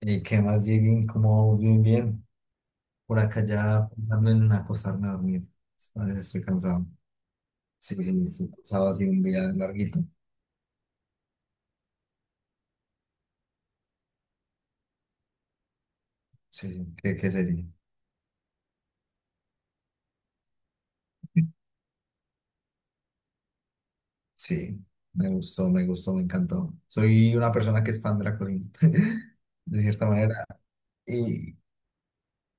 ¿Y qué más, Dieguín? ¿Cómo vamos? Bien, bien. Por acá ya pensando en acostarme a dormir. A veces estoy cansado. Sí, sí, estoy cansado así un día larguito. Sí, sí. ¿Qué sería? Sí, me gustó, me gustó, me encantó. Soy una persona que es fan de la cocina, de cierta manera. Y,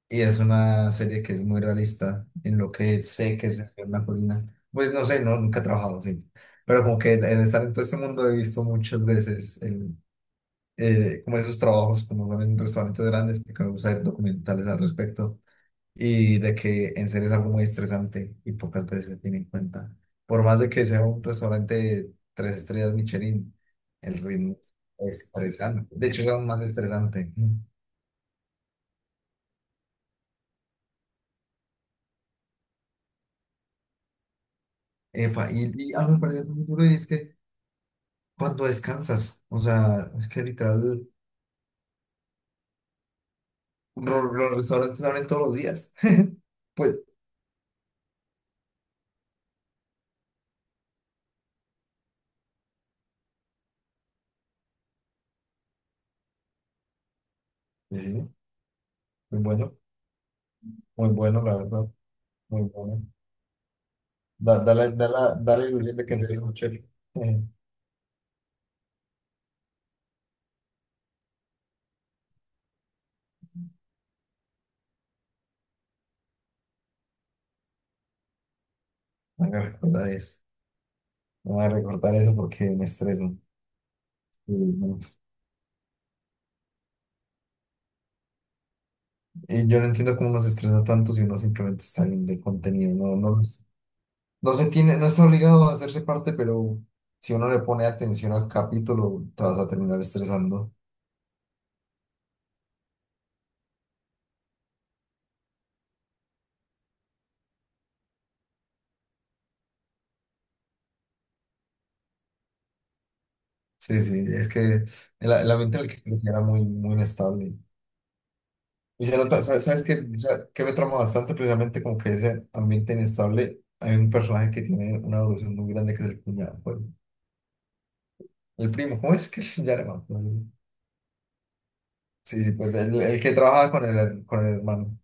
y es una serie que es muy realista en lo que sé que es hacer una cocina. Pues no sé, no, nunca he trabajado, sí. Pero como que en estar en todo este mundo he visto muchas veces el como esos trabajos, como son en restaurantes grandes, que me gusta ver documentales al respecto, y de que en serio es algo muy estresante y pocas veces se tiene en cuenta. Por más de que sea un restaurante de tres estrellas Michelin, el ritmo es estresante. De hecho, es aún más estresante. Epa, y algo me parece muy duro y es que cuando descansas, o sea, es que literal, los restaurantes abren todos los días. Pues, sí, muy bueno, muy bueno, la verdad, muy bueno. Dale, dale, dale la ilusión de que te dijo Chef. Eh, me voy a recordar eso. Me voy a recordar eso porque me estreso. Y, no- y yo no entiendo cómo nos estresa tanto si uno simplemente está viendo el contenido. No, no, no se tiene, no está obligado a hacerse parte, pero si uno le pone atención al capítulo, te vas a terminar estresando. Sí, sí, es que el ambiente en el que crecí era muy, muy inestable. Y se nota, ¿sabes, sabes qué? O sea, ¿qué me trama bastante? Precisamente como que ese ambiente inestable, hay un personaje que tiene una evolución muy grande que es el cuñado, pues, el primo, ¿cómo es que se llama? Sí, sí, pues el que trabaja con el hermano.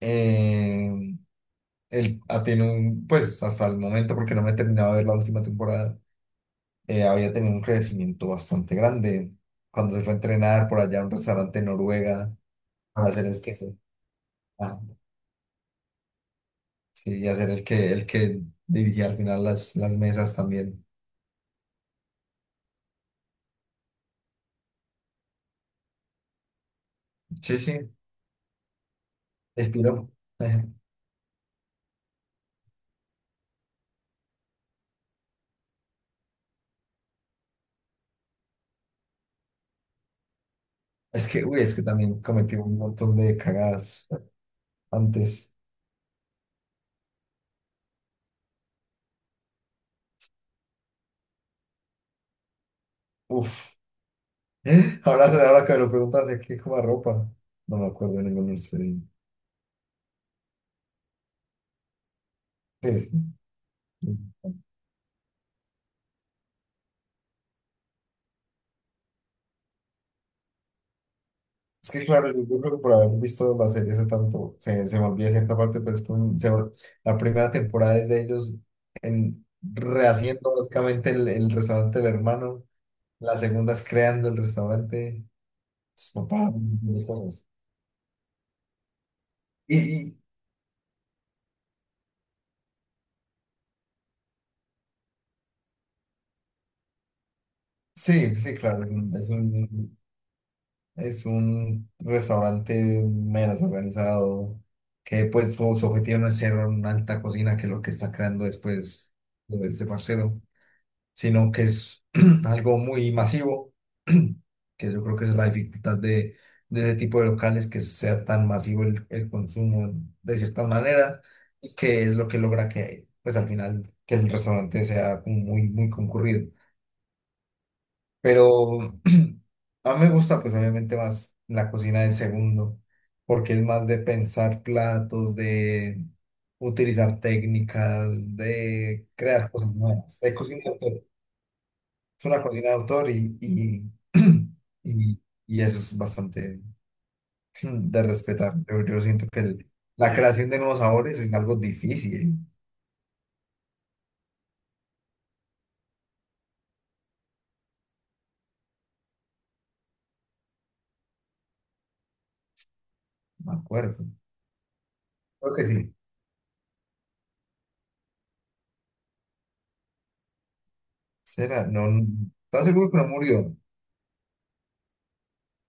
Eh, él ha tenido un, pues hasta el momento, porque no me he terminado de ver la última temporada, había tenido un crecimiento bastante grande. Cuando se fue a entrenar por allá a un restaurante en Noruega para hacer el queso. Ah, sí, y hacer el que dirigía al final las mesas también. Sí, sí, expiró. Es que, uy, es que también cometí un montón de cagadas antes. Uf. Ahora, ahora que me lo preguntas de qué como ropa. No me acuerdo de ningún expediente. Sí, sí. Es que, claro, yo creo que por haber visto la serie hace tanto, se me olvida cierta parte, pero es que la primera temporada es de ellos en, rehaciendo básicamente el restaurante del hermano. La segunda es creando el restaurante. Es papá, Y, y- sí, sí, claro, es un restaurante menos organizado, que pues su objetivo no es ser una alta cocina, que es lo que está creando después de este parcero, sino que es algo muy masivo, que yo creo que esa es la dificultad de ese tipo de locales, que sea tan masivo el consumo de cierta manera, y que es lo que logra que, pues al final, que el restaurante sea como muy, muy concurrido. Pero a mí me gusta pues obviamente más la cocina del segundo, porque es más de pensar platos, de utilizar técnicas, de crear cosas nuevas, de cocina de autor. Es una cocina de autor y, y eso es bastante de respetar. Yo siento que la creación de nuevos sabores es algo difícil, me acuerdo. Creo que sí. Será, estaba seguro que no murió.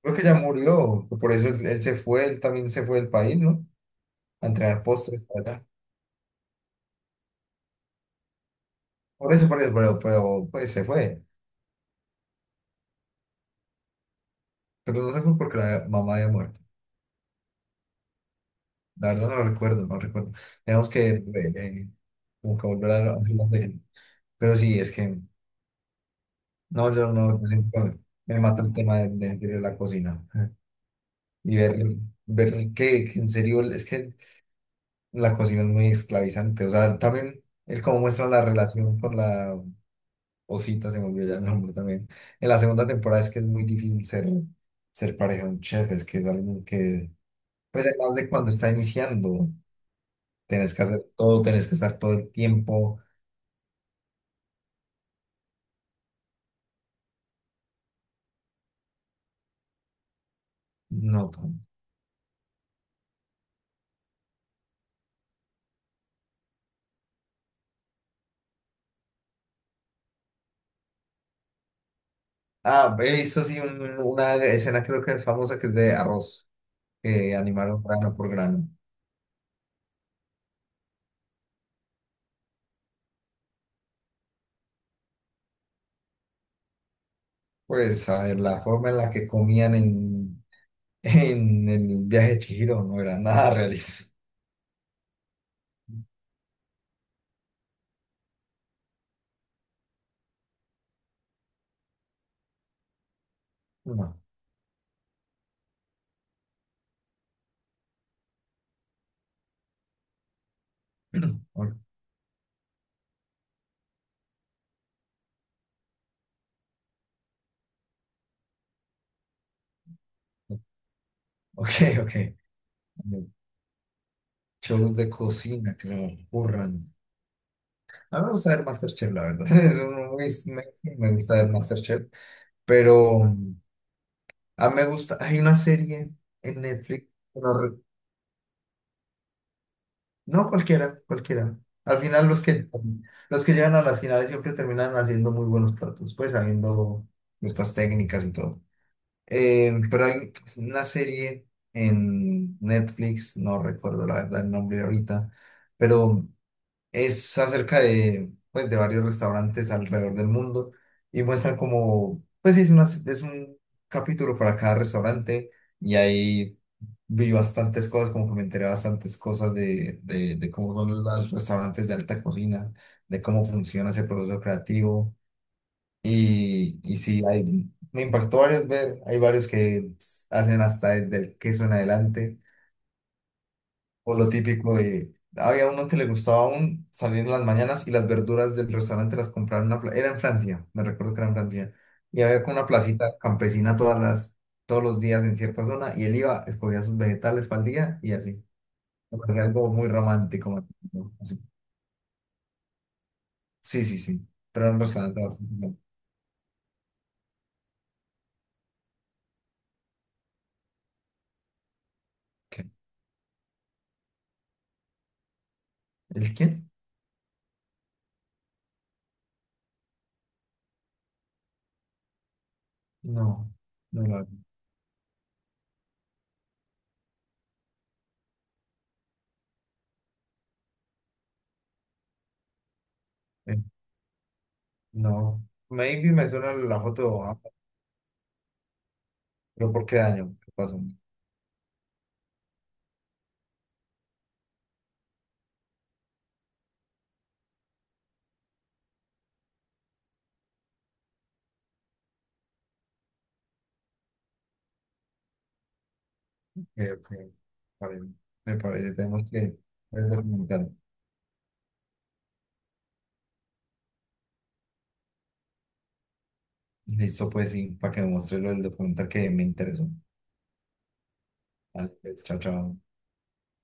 Creo que ya murió, por eso él, él se fue, él también se fue del país, ¿no? A entrenar postres para allá. Por eso, pero pues se fue. Pero no se fue porque la mamá había muerto. La verdad no lo recuerdo, no lo recuerdo. Tenemos que, eh, como que volver a hablar de él. Pero sí, es que, no, yo no, me mata el tema de, de la cocina. Y ver, ver que en serio, es que la cocina es muy esclavizante. O sea, también el cómo muestran la relación con la Osita, se me olvidó ya el nombre también. En la segunda temporada es que es muy difícil ser, ser pareja de un chef, es que es alguien que, pues además de cuando está iniciando, tenés que hacer todo, tenés que estar todo el tiempo. No, tan- ah, he visto sí una escena creo que es famosa que es de arroz, que animaron grano por grano. Pues a ver, la forma en la que comían en, en el viaje de Chihiro no era nada realista. No. Ok, ok. Shows de cocina que se me ocurran. A mí me gusta ver MasterChef, la verdad. Es uno muy- me gusta ver MasterChef. Pero a mí me gusta. Hay una serie en Netflix. No, re- no cualquiera, cualquiera. Al final los que llegan a las finales siempre terminan haciendo muy buenos platos, pues sabiendo ciertas técnicas y todo. Pero hay una serie en Netflix, no recuerdo la verdad el nombre ahorita, pero es acerca de, pues, de varios restaurantes alrededor del mundo y muestran como, pues sí, es un capítulo para cada restaurante y ahí vi bastantes cosas, como que me enteré bastantes cosas de cómo son los restaurantes de alta cocina, de cómo funciona ese proceso creativo y sí, hay me impactó varios ver, hay varios que hacen hasta desde el queso en adelante o lo típico de... Había uno que le gustaba aún salir en las mañanas y las verduras del restaurante las compraba en una... Era en Francia, me recuerdo que era en Francia. Y había como una placita campesina todas las, todos los días en cierta zona y él iba, escogía sus vegetales para el día y así. Me parecía algo muy romántico. ¿No? Así. Sí, sí, sí. Pero era un restaurante bastante... bueno. ¿Qué? ¿El quién? No, no, no. eh, no. Maybe me suena la foto, ah, pero ¿por qué año? ¿Qué pasó? Ok, ok. Está bien. Me parece, tenemos que ver el documental. Listo, pues sí, para que me muestre lo del documental que me interesó. Vale, pues, chao, chao.